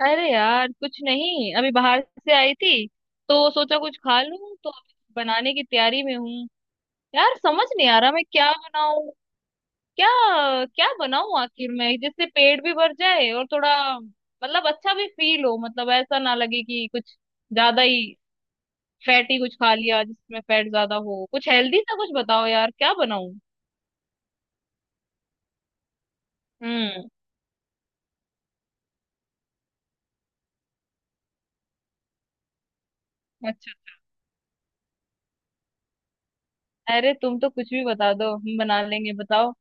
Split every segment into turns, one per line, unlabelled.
अरे यार कुछ नहीं। अभी बाहर से आई थी, तो सोचा कुछ खा लूं, तो अभी बनाने की तैयारी में हूँ। यार समझ नहीं आ रहा मैं क्या बनाऊं। क्या क्या बनाऊं आखिर मैं, जिससे पेट भी भर जाए और थोड़ा मतलब अच्छा भी फील हो। मतलब ऐसा ना लगे कि कुछ ज्यादा ही फैटी कुछ खा लिया जिसमें फैट ज्यादा हो। कुछ हेल्दी सा कुछ बताओ यार, क्या बनाऊं। हम्म। अच्छा। अरे तुम तो कुछ भी बता दो, हम बना लेंगे, बताओ।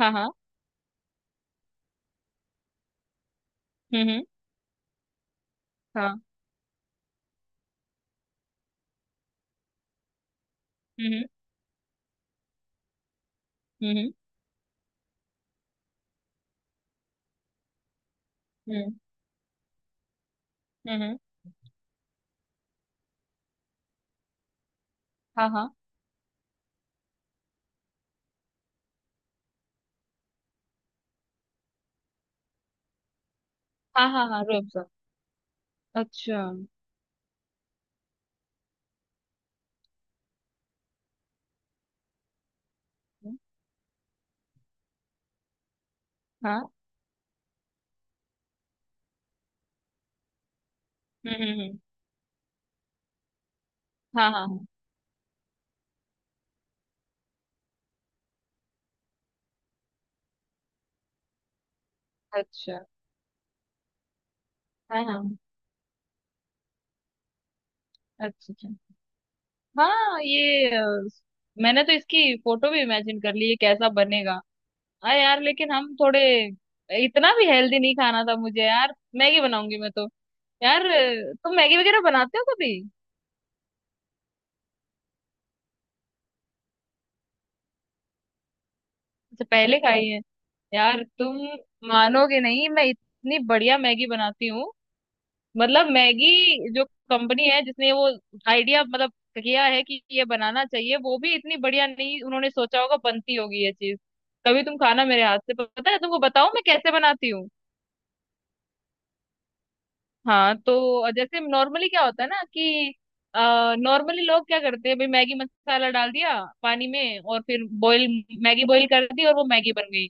हाँ हाँ। हम्म। हाँ। हम्म हम्म। हम्म। हम्म। हम्म। हाँ हाँ। हाँ हाँ हाँ, रूह अफ़ज़ा। अच्छा, हम्म। हाँ। हम्म। हाँ हाँ हाँ। अच्छा। हाँ हाँ। अच्छा अच्छा। हाँ ये मैंने तो इसकी फोटो भी इमेजिन कर ली, ये कैसा बनेगा। हाँ यार लेकिन हम थोड़े इतना भी हेल्दी नहीं खाना था मुझे यार, मैगी बनाऊंगी मैं तो। यार तुम मैगी वगैरह बनाते हो कभी? अच्छा, पहले खाई है। यार तुम मानोगे नहीं, मैं इतनी बढ़िया मैगी बनाती हूँ। मतलब मैगी जो कंपनी है जिसने वो आइडिया मतलब किया है कि ये बनाना चाहिए, वो भी इतनी बढ़िया नहीं उन्होंने सोचा होगा बनती होगी ये चीज। कभी तुम खाना मेरे हाथ से, पता है? तुमको बताऊं मैं कैसे बनाती हूँ। हाँ तो जैसे नॉर्मली क्या होता है ना कि, नॉर्मली लोग क्या करते हैं भाई, मैगी मसाला डाल दिया पानी में और फिर बॉईल। मैगी बॉईल कर दी और वो मैगी बन गई।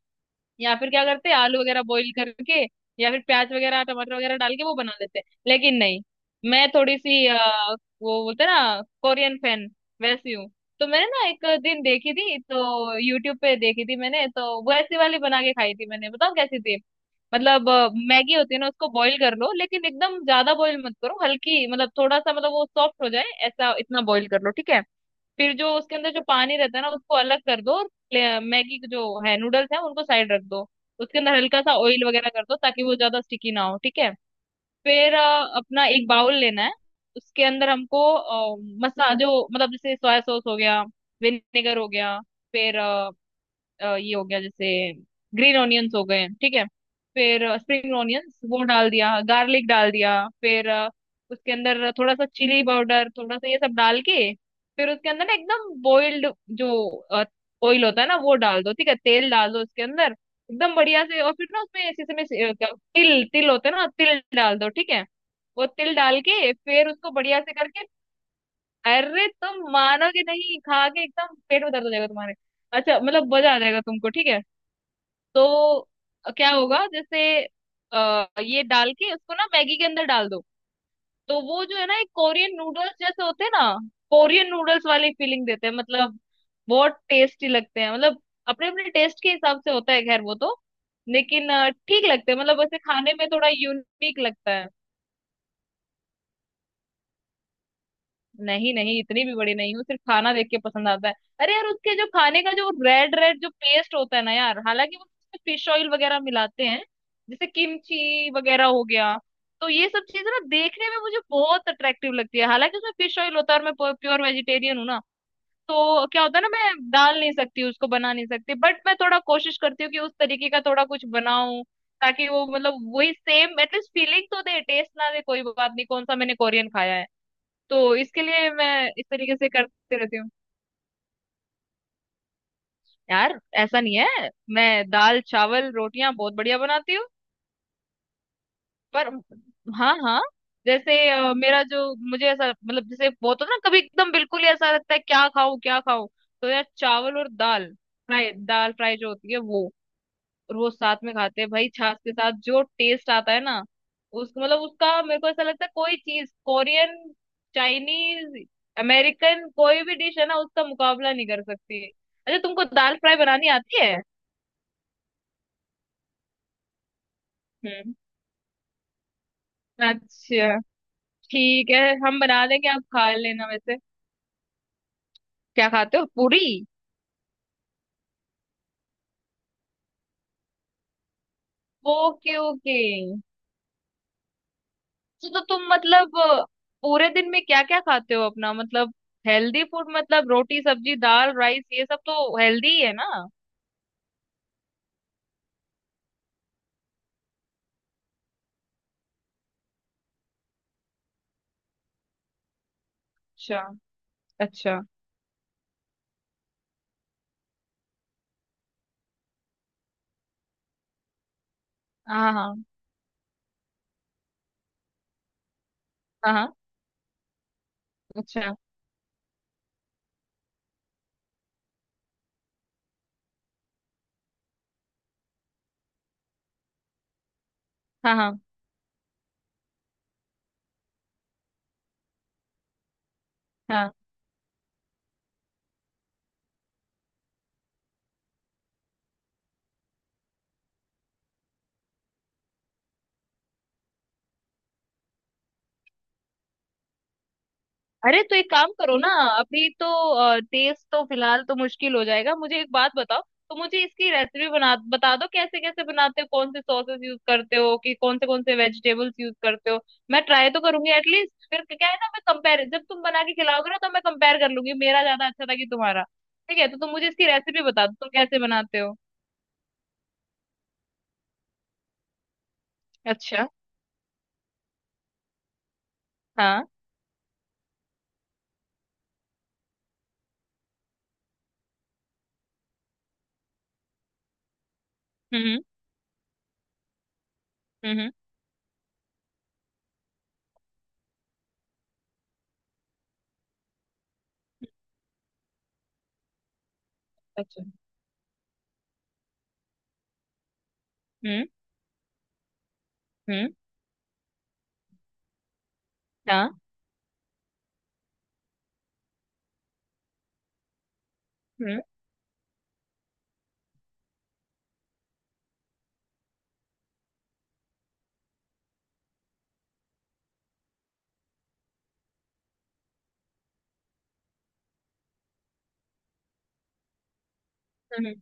या फिर क्या करते हैं आलू वगैरह बॉईल करके, या फिर प्याज वगैरह टमाटर वगैरह डाल के वो बना लेते हैं, लेकिन नहीं। मैं थोड़ी सी वो बोलते हैं ना कोरियन फैन, वैसी हूँ। तो मैंने ना एक दिन देखी थी, तो यूट्यूब पे देखी थी मैंने, तो वैसी वाली बना के खाई थी मैंने, बताओ कैसी थी। मतलब मैगी होती है ना उसको बॉईल कर लो, लेकिन एकदम ज्यादा बॉईल मत करो, हल्की मतलब थोड़ा सा मतलब वो सॉफ्ट हो जाए ऐसा इतना बॉईल कर लो, ठीक है। फिर जो उसके अंदर जो पानी रहता है ना उसको अलग कर दो, और मैगी के जो है नूडल्स है उनको साइड रख दो। उसके अंदर हल्का सा ऑयल वगैरह कर दो ताकि वो ज्यादा स्टिकी ना हो, ठीक है। फिर अपना एक बाउल लेना है, उसके अंदर हमको मसा जो मतलब जैसे सोया सॉस हो गया, विनेगर हो गया, फिर ये हो गया जैसे ग्रीन ऑनियंस हो गए, ठीक है। फिर स्प्रिंग ऑनियंस वो डाल दिया, गार्लिक डाल दिया, फिर उसके अंदर थोड़ा सा चिली पाउडर थोड़ा सा ये सब डाल के, फिर उसके अंदर ना एकदम बॉइल्ड जो ऑयल होता है ना वो डाल दो, ठीक है, तेल डाल दो उसके अंदर एकदम बढ़िया से। और फिर ना उसमें जैसे तिल तिल होते हैं ना, तिल डाल दो, ठीक है। वो तिल डाल के फिर उसको बढ़िया से करके, अरे तुम मानोगे नहीं खा के एकदम पेट में दर्द हो जाएगा तुम्हारे। अच्छा मतलब मजा आ जाएगा तुमको, ठीक है। तो क्या होगा जैसे ये डाल के उसको ना मैगी के अंदर डाल दो, तो वो जो है ना एक कोरियन नूडल्स जैसे होते हैं ना, कोरियन नूडल्स वाली फीलिंग देते हैं मतलब। बहुत टेस्टी लगते हैं मतलब, अपने अपने टेस्ट के हिसाब से होता है, खैर वो तो। लेकिन ठीक लगते हैं मतलब, वैसे खाने में थोड़ा यूनिक लगता है। नहीं नहीं, इतनी भी बड़ी नहीं हूँ, सिर्फ खाना देख के पसंद आता है। अरे यार उसके जो खाने का जो रेड रेड जो पेस्ट होता है ना यार, हालांकि वो उसमें फिश ऑयल वगैरह मिलाते हैं, जैसे किमची वगैरह हो गया। तो ये सब चीज ना देखने में मुझे बहुत अट्रैक्टिव लगती है, हालांकि उसमें फिश ऑयल होता है और मैं प्योर वेजिटेरियन हूँ ना। तो क्या होता है ना, मैं डाल नहीं सकती उसको, बना नहीं सकती, बट मैं थोड़ा कोशिश करती हूँ कि उस तरीके का थोड़ा कुछ बनाऊं, ताकि वो मतलब वही सेम एटलीस्ट फीलिंग तो दे, टेस्ट ना दे कोई बात नहीं, कौन सा मैंने कोरियन खाया है। तो इसके लिए मैं इस तरीके से करते रहती हूँ। यार ऐसा नहीं है, मैं दाल चावल रोटियां बहुत बढ़िया बनाती हूँ। पर हाँ हाँ। जैसे मेरा जो मुझे ऐसा मतलब जैसे बहुत होता है ना, कभी एकदम बिल्कुल ही ऐसा लगता है क्या खाऊं क्या खाऊं। तो यार चावल और दाल फ्राई, दाल फ्राई जो होती है वो रोज साथ में खाते हैं भाई, छाछ के साथ जो टेस्ट आता है ना उसको मतलब, उसका मेरे को ऐसा लगता है कोई चीज कोरियन, चाइनीज, अमेरिकन, कोई भी डिश है ना उसका मुकाबला नहीं कर सकती। अच्छा तुमको दाल फ्राई बनानी आती है? हम्म। अच्छा, ठीक है, हम बना देंगे आप खा लेना वैसे। क्या खाते हो, पूरी? Okay okay. तो तुम मतलब पूरे दिन में क्या क्या खाते हो अपना, मतलब हेल्दी फूड मतलब रोटी सब्जी दाल राइस ये सब तो हेल्दी ही है ना। अच्छा अच्छा। हाँ हाँ हाँ। हाँ अच्छा। हाँ हाँ हाँ। अरे तो एक काम करो ना। अभी तो तेज तो फिलहाल तो मुश्किल हो जाएगा, मुझे एक बात बताओ, तो मुझे इसकी रेसिपी बना बता दो कैसे कैसे बनाते हो, कौन से सॉसेस यूज करते हो कि कौन से वेजिटेबल्स यूज करते हो। मैं ट्राई तो करूंगी एटलीस्ट, फिर क्या है ना, मैं कंपेयर जब तुम बना के खिलाओगे ना तो मैं कंपेयर कर लूंगी मेरा ज्यादा अच्छा था कि तुम्हारा। ठीक है, तो तुम मुझे इसकी रेसिपी बता दो तुम कैसे बनाते हो। अच्छा। हाँ। हम्म हम्म। अच्छा। हम्म हम्म। हाँ। हम्म हम्म।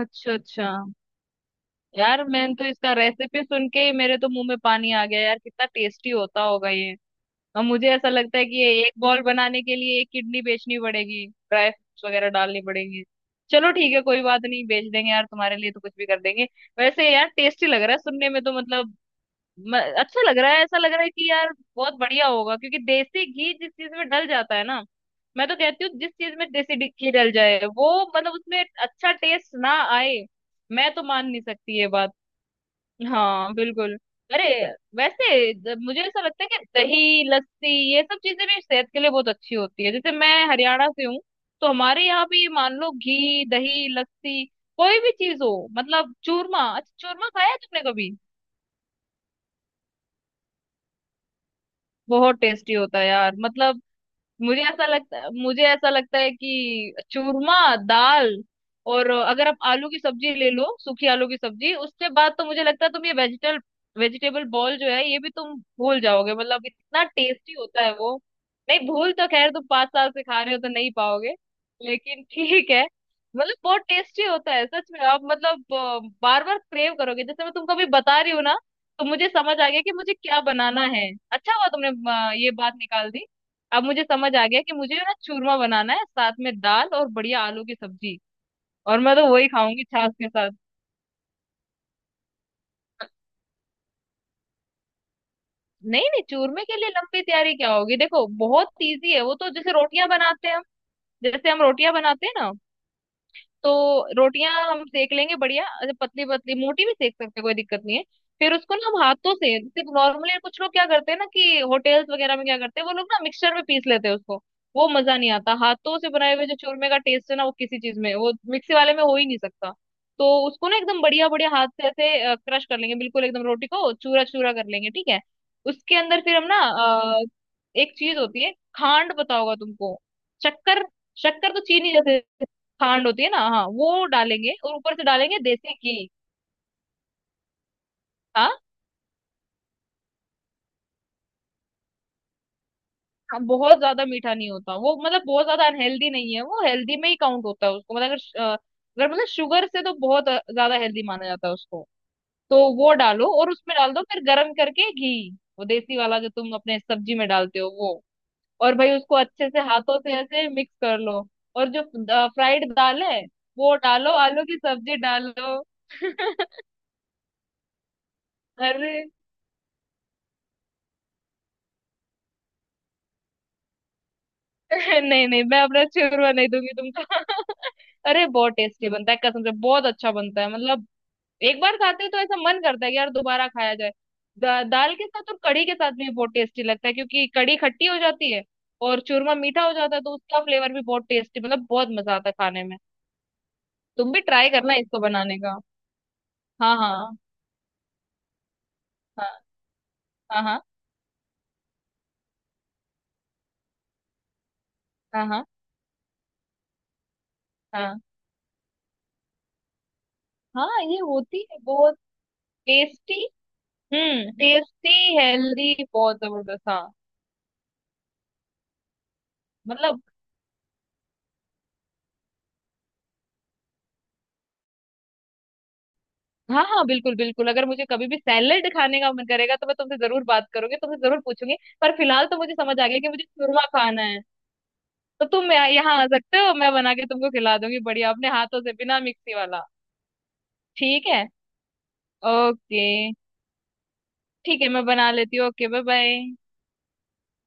अच्छा अच्छा। यार मैंने तो इसका रेसिपी सुन के ही मेरे तो मुंह में पानी आ गया यार, कितना टेस्टी होता होगा ये। और मुझे ऐसा लगता है कि ये एक बॉल बनाने के लिए एक किडनी बेचनी पड़ेगी, ड्राई फ्रूट्स वगैरह डालनी पड़ेंगे। चलो ठीक है कोई बात नहीं, बेच देंगे यार, तुम्हारे लिए तो कुछ भी कर देंगे। वैसे यार टेस्टी लग रहा है सुनने में तो मतलब, अच्छा लग रहा है, ऐसा लग रहा है कि यार बहुत बढ़िया होगा, क्योंकि देसी घी जिस चीज में डल जाता है ना। मैं तो कहती हूँ जिस चीज में देसी घी डल जाए वो मतलब उसमें अच्छा टेस्ट ना आए, मैं तो मान नहीं सकती ये बात। हाँ बिल्कुल। अरे वैसे मुझे ऐसा लगता है कि दही लस्सी ये सब चीजें भी सेहत के लिए बहुत अच्छी होती है, जैसे मैं हरियाणा से हूँ, तो हमारे यहाँ भी मान लो घी दही लस्सी कोई भी चीज हो, मतलब चूरमा, अच्छा चूरमा खाया है तुमने कभी? बहुत टेस्टी होता है यार, मतलब मुझे ऐसा लगता है कि चूरमा, दाल, और अगर आप आलू की सब्जी ले लो, सूखी आलू की सब्जी, उसके बाद तो मुझे लगता है तुम ये वेजिटल वेजिटेबल बॉल जो है ये भी तुम भूल जाओगे, मतलब इतना टेस्टी होता है वो। नहीं भूल तो खैर तुम 5 साल से खा रहे हो तो नहीं पाओगे लेकिन ठीक है। मतलब बहुत टेस्टी होता है सच में, आप मतलब बार बार क्रेव करोगे जैसे मैं तुमको अभी बता रही हूँ ना। तो मुझे समझ आ गया कि मुझे क्या बनाना है, अच्छा हुआ तुमने ये बात निकाल दी। अब मुझे समझ आ गया कि मुझे ना चूरमा बनाना है साथ में दाल और बढ़िया आलू की सब्जी, और मैं तो वही खाऊंगी छाछ के साथ। नहीं नहीं चूरमे के लिए लंबी तैयारी क्या होगी, देखो बहुत इजी है वो तो, जैसे रोटियां बनाते हैं हम, जैसे हम रोटियां बनाते हैं ना, तो रोटियां हम सेक लेंगे बढ़िया अच्छा पतली पतली, मोटी भी सेक सकते हैं कोई दिक्कत नहीं है। फिर उसको ना हम हाथों से, जैसे नॉर्मली कुछ लोग क्या करते हैं ना, कि होटेल्स वगैरह में क्या करते हैं वो लोग, ना मिक्सचर में पीस लेते हैं उसको। वो मजा नहीं आता, हाथों से बनाए हुए जो चूरमे का टेस्ट है ना वो किसी चीज में वो मिक्सी वाले में हो ही नहीं सकता। तो उसको ना एकदम बढ़िया बढ़िया हाथ से ऐसे क्रश कर लेंगे, बिल्कुल एकदम रोटी को चूरा चूरा कर लेंगे, ठीक है। उसके अंदर फिर हम ना अ, एक चीज होती है खांड, पता होगा तुमको, शक्कर। शक्कर तो चीनी जैसे खांड होती है ना, हाँ वो डालेंगे और ऊपर से डालेंगे देसी घी। हाँ, हाँ, बहुत ज्यादा मीठा नहीं होता वो, मतलब बहुत ज्यादा अनहेल्दी नहीं है वो, हेल्दी में ही काउंट होता है उसको, मतलब अगर अगर मतलब शुगर से तो बहुत ज्यादा हेल्दी माना जाता है उसको। तो वो डालो और उसमें डाल दो फिर गर्म करके घी, वो देसी वाला जो तुम अपने सब्जी में डालते हो वो। और भाई उसको अच्छे से हाथों से ऐसे मिक्स कर लो, और जो फ्राइड दाल है वो डालो, आलू की सब्जी डालो। अरे नहीं नहीं, मैं अपना चूरमा नहीं दूंगी तुमको। अरे बहुत टेस्टी बनता है, कसम से बहुत अच्छा बनता है मतलब, एक बार खाते हैं तो ऐसा मन करता है कि यार दोबारा खाया जाए। दाल के साथ और कढ़ी के साथ भी बहुत टेस्टी लगता है, क्योंकि कढ़ी खट्टी हो जाती है और चूरमा मीठा हो जाता है, तो उसका फ्लेवर भी बहुत टेस्टी मतलब बहुत मजा आता है खाने में। तुम भी ट्राई करना इसको बनाने का। हाँ हाँ हाँ। हाँ हाँ हाँ। हाँ हाँ। ये होती है बहुत टेस्टी, टेस्टी, हेल्दी बहुत जबरदस्त, हाँ मतलब। हाँ हाँ बिल्कुल बिल्कुल, अगर मुझे कभी भी सैलेड खाने का मन करेगा तो मैं तुमसे जरूर बात करूंगी, तुमसे जरूर पूछूंगी। पर फिलहाल तो मुझे समझ आ गया कि मुझे चूरमा खाना है। तो तुम यहाँ यहाँ आ सकते हो, मैं बना के तुमको खिला दूंगी बढ़िया अपने हाथों से, बिना मिक्सी वाला। ठीक है। ओके। ठीक है मैं बना लेती हूँ, ओके बाय बाय।